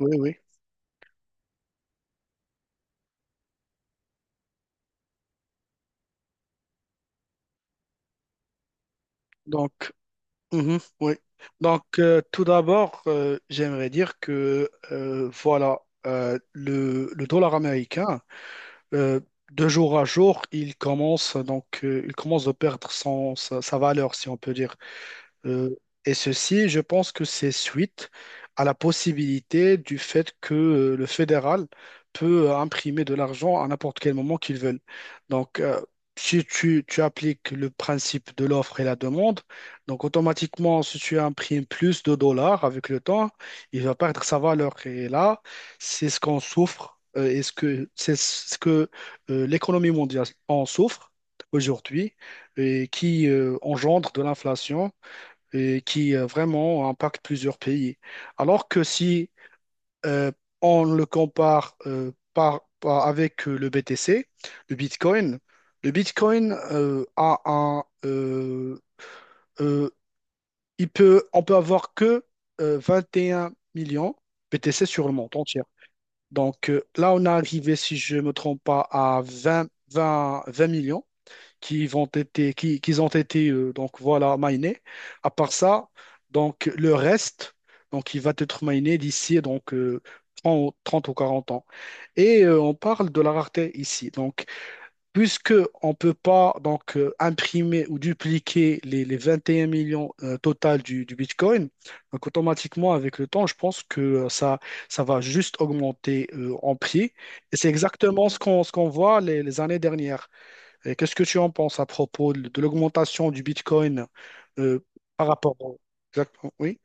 Oui, oui. Donc, mhm, oui. Donc, tout d'abord, j'aimerais dire que voilà, le dollar américain, euh, de jour à jour, il commence de perdre sa valeur, si on peut dire. Euh, et ceci, je pense que c'est suite à la possibilité du fait que le fédéral peut imprimer de l'argent à n'importe quel moment qu'ils veulent. Donc, si tu appliques le principe de l'offre et la demande, donc automatiquement, si tu imprimes plus de dollars avec le temps, il va perdre sa valeur. Et là, c'est ce qu'on souffre et c'est ce que l'économie mondiale en souffre aujourd'hui et qui engendre de l'inflation et qui vraiment impacte plusieurs pays. Alors que si euh, on le compare avec le BTC, le Bitcoin, le Bitcoin a un, euh, il peut, on peut avoir que 21 millions BTC sur le monde entier. Donc là, on est arrivé, si je ne me trompe pas, à 20 millions qui vont été, qui, qu'ils ont été donc voilà minés. À part ça, donc le reste, donc il va être miné d'ici donc 30 ou 40 ans. Et on parle de la rareté ici. Donc puisque on peut pas donc imprimer ou dupliquer les 21 millions total du Bitcoin, donc automatiquement avec le temps, je pense que ça va juste augmenter en prix. Et c'est exactement ce qu'on voit les années dernières. Et qu'est-ce que tu en penses à propos de l'augmentation du Bitcoin euh, par rapport au... Exactement. Oui.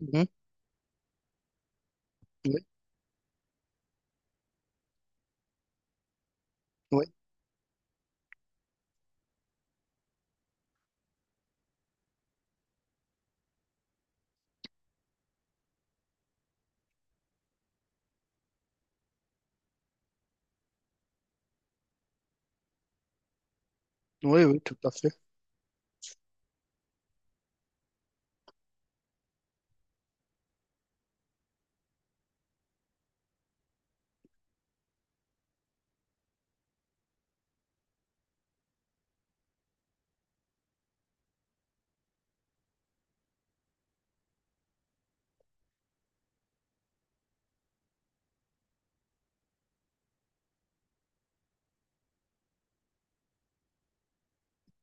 Mhm. Oui, oui, oui, oui, tout à fait.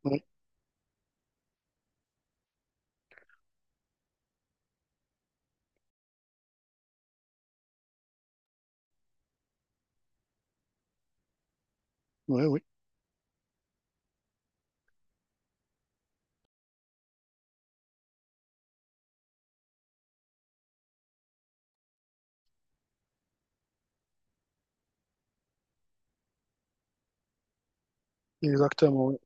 Oui, oui, oui, exactement. Oui.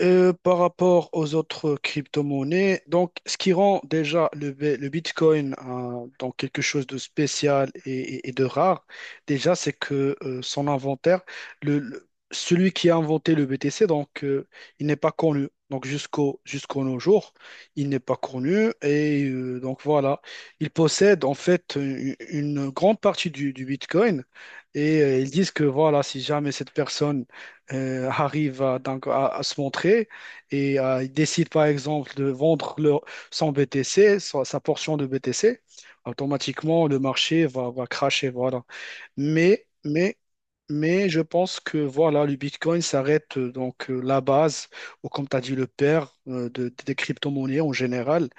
Par rapport aux autres crypto-monnaies, donc ce qui rend déjà le Bitcoin hein, donc quelque chose de spécial et de rare, déjà c'est que son inventaire, celui qui a inventé le BTC, donc il n'est pas connu. Donc jusqu'au nos jours, il n'est pas connu et donc voilà, il possède en fait une grande partie du Bitcoin et ils disent que voilà, si jamais cette personne arrive à, donc, à se montrer et il décide par exemple de vendre son BTC, sa portion de BTC, automatiquement le marché va crasher, voilà. Mais, mais, mais je pense que voilà, le Bitcoin s'arrête donc la base, ou comme tu as dit, le père des crypto-monnaies en général.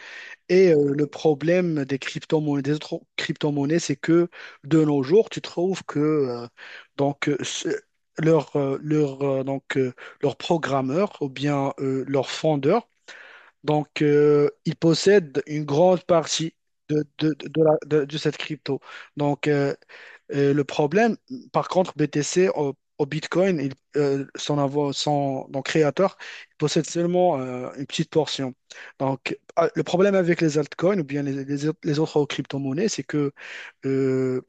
Et le problème des crypto-monnaies, des autres crypto-monnaies, c'est que de nos jours, tu trouves que donc leur, euh, leur, euh, donc euh, leur programmeur ou bien leur fondeur, donc ils possèdent une grande partie de cette crypto. Donc et le problème, par contre, BTC au Bitcoin, il, donc créateur il possède seulement une petite portion. Donc, ah, le problème avec les altcoins ou bien les autres crypto-monnaies, c'est que euh,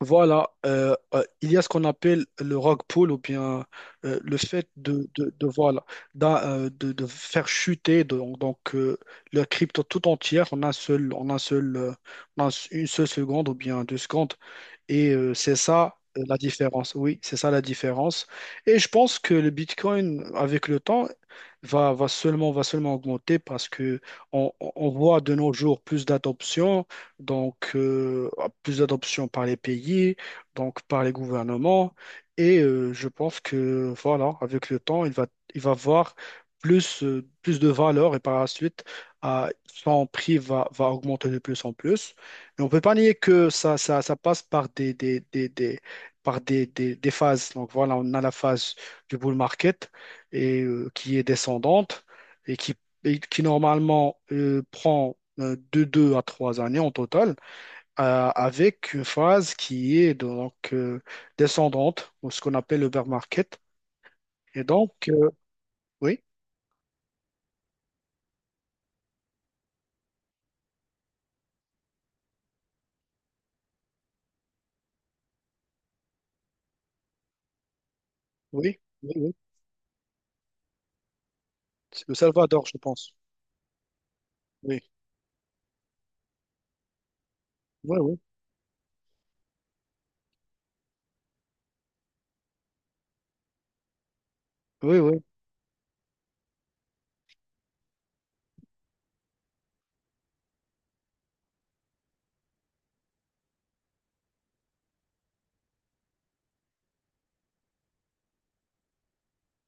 voilà, il y a ce qu'on appelle le rug pull ou bien le fait d'un, de faire chuter donc, le crypto tout entière en un seul, en un seul, en un- une seule seconde ou bien deux secondes. Et c'est ça la différence. Oui, c'est ça la différence. Et je pense que le Bitcoin, avec le temps, va seulement augmenter parce que on voit de nos jours plus d'adoption, donc plus d'adoption par les pays, donc par les gouvernements. Et je pense que voilà, avec le temps, il va avoir plus de valeur et par la suite, son prix va augmenter de plus en plus. Et on ne peut pas nier que ça passe par des phases. Donc voilà, on a la phase du bull market et, qui est descendante et et qui normalement prend de 2 à 3 années en total, avec une phase qui est donc descendante, ou ce qu'on appelle le bear market. Et donc, oui, oui, oui, oui. C'est le Salvador, je pense. Oui, oui, oui, oui, oui.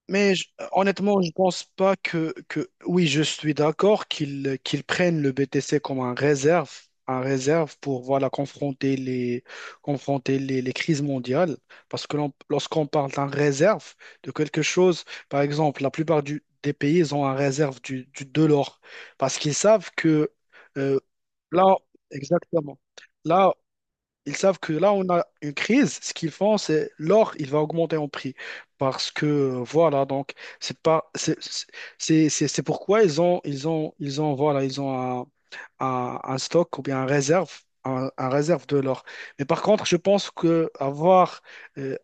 Mais honnêtement, je pense pas que oui, je suis d'accord qu'ils prennent le BTC comme un réserve pour voilà confronter les crises mondiales. Parce que lorsqu'on parle d'un réserve de quelque chose, par exemple, la plupart des pays ils ont un réserve de l'or parce qu'ils savent que euh, là exactement là ils savent que là, on a une crise. Ce qu'ils font, c'est l'or, il va augmenter en prix. Parce que, voilà, donc, c'est pas, c'est pourquoi voilà, ils ont un, un stock ou bien un réserve, un réserve de l'or. Mais par contre, je pense que avoir euh,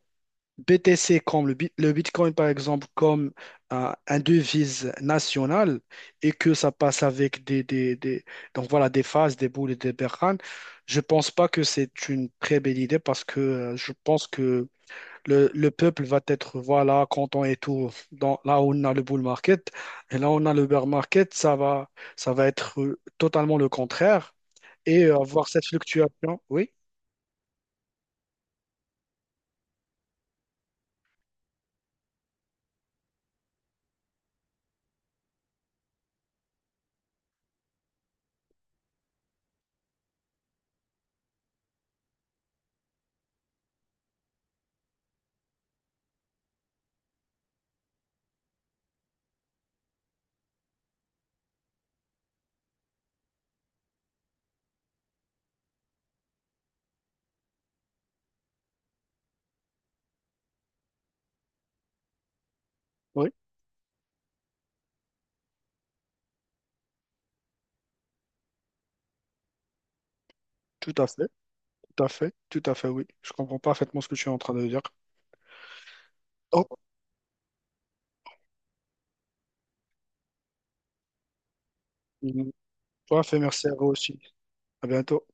BTC comme le Bitcoin, par exemple, comme un devise nationale et que ça passe avec donc voilà, des phases, des boules et des berranes, je pense pas que c'est une très belle idée parce que je pense que le peuple va être voilà, content et tout. Dans, là où on a le bull market et là où on a le bear market, ça va être totalement le contraire et avoir cette fluctuation. Oui, oui, tout à fait, tout à fait, tout à fait, oui. Je comprends parfaitement ce que tu es en train de dire. Oh, toi, fait merci à vous aussi. À bientôt.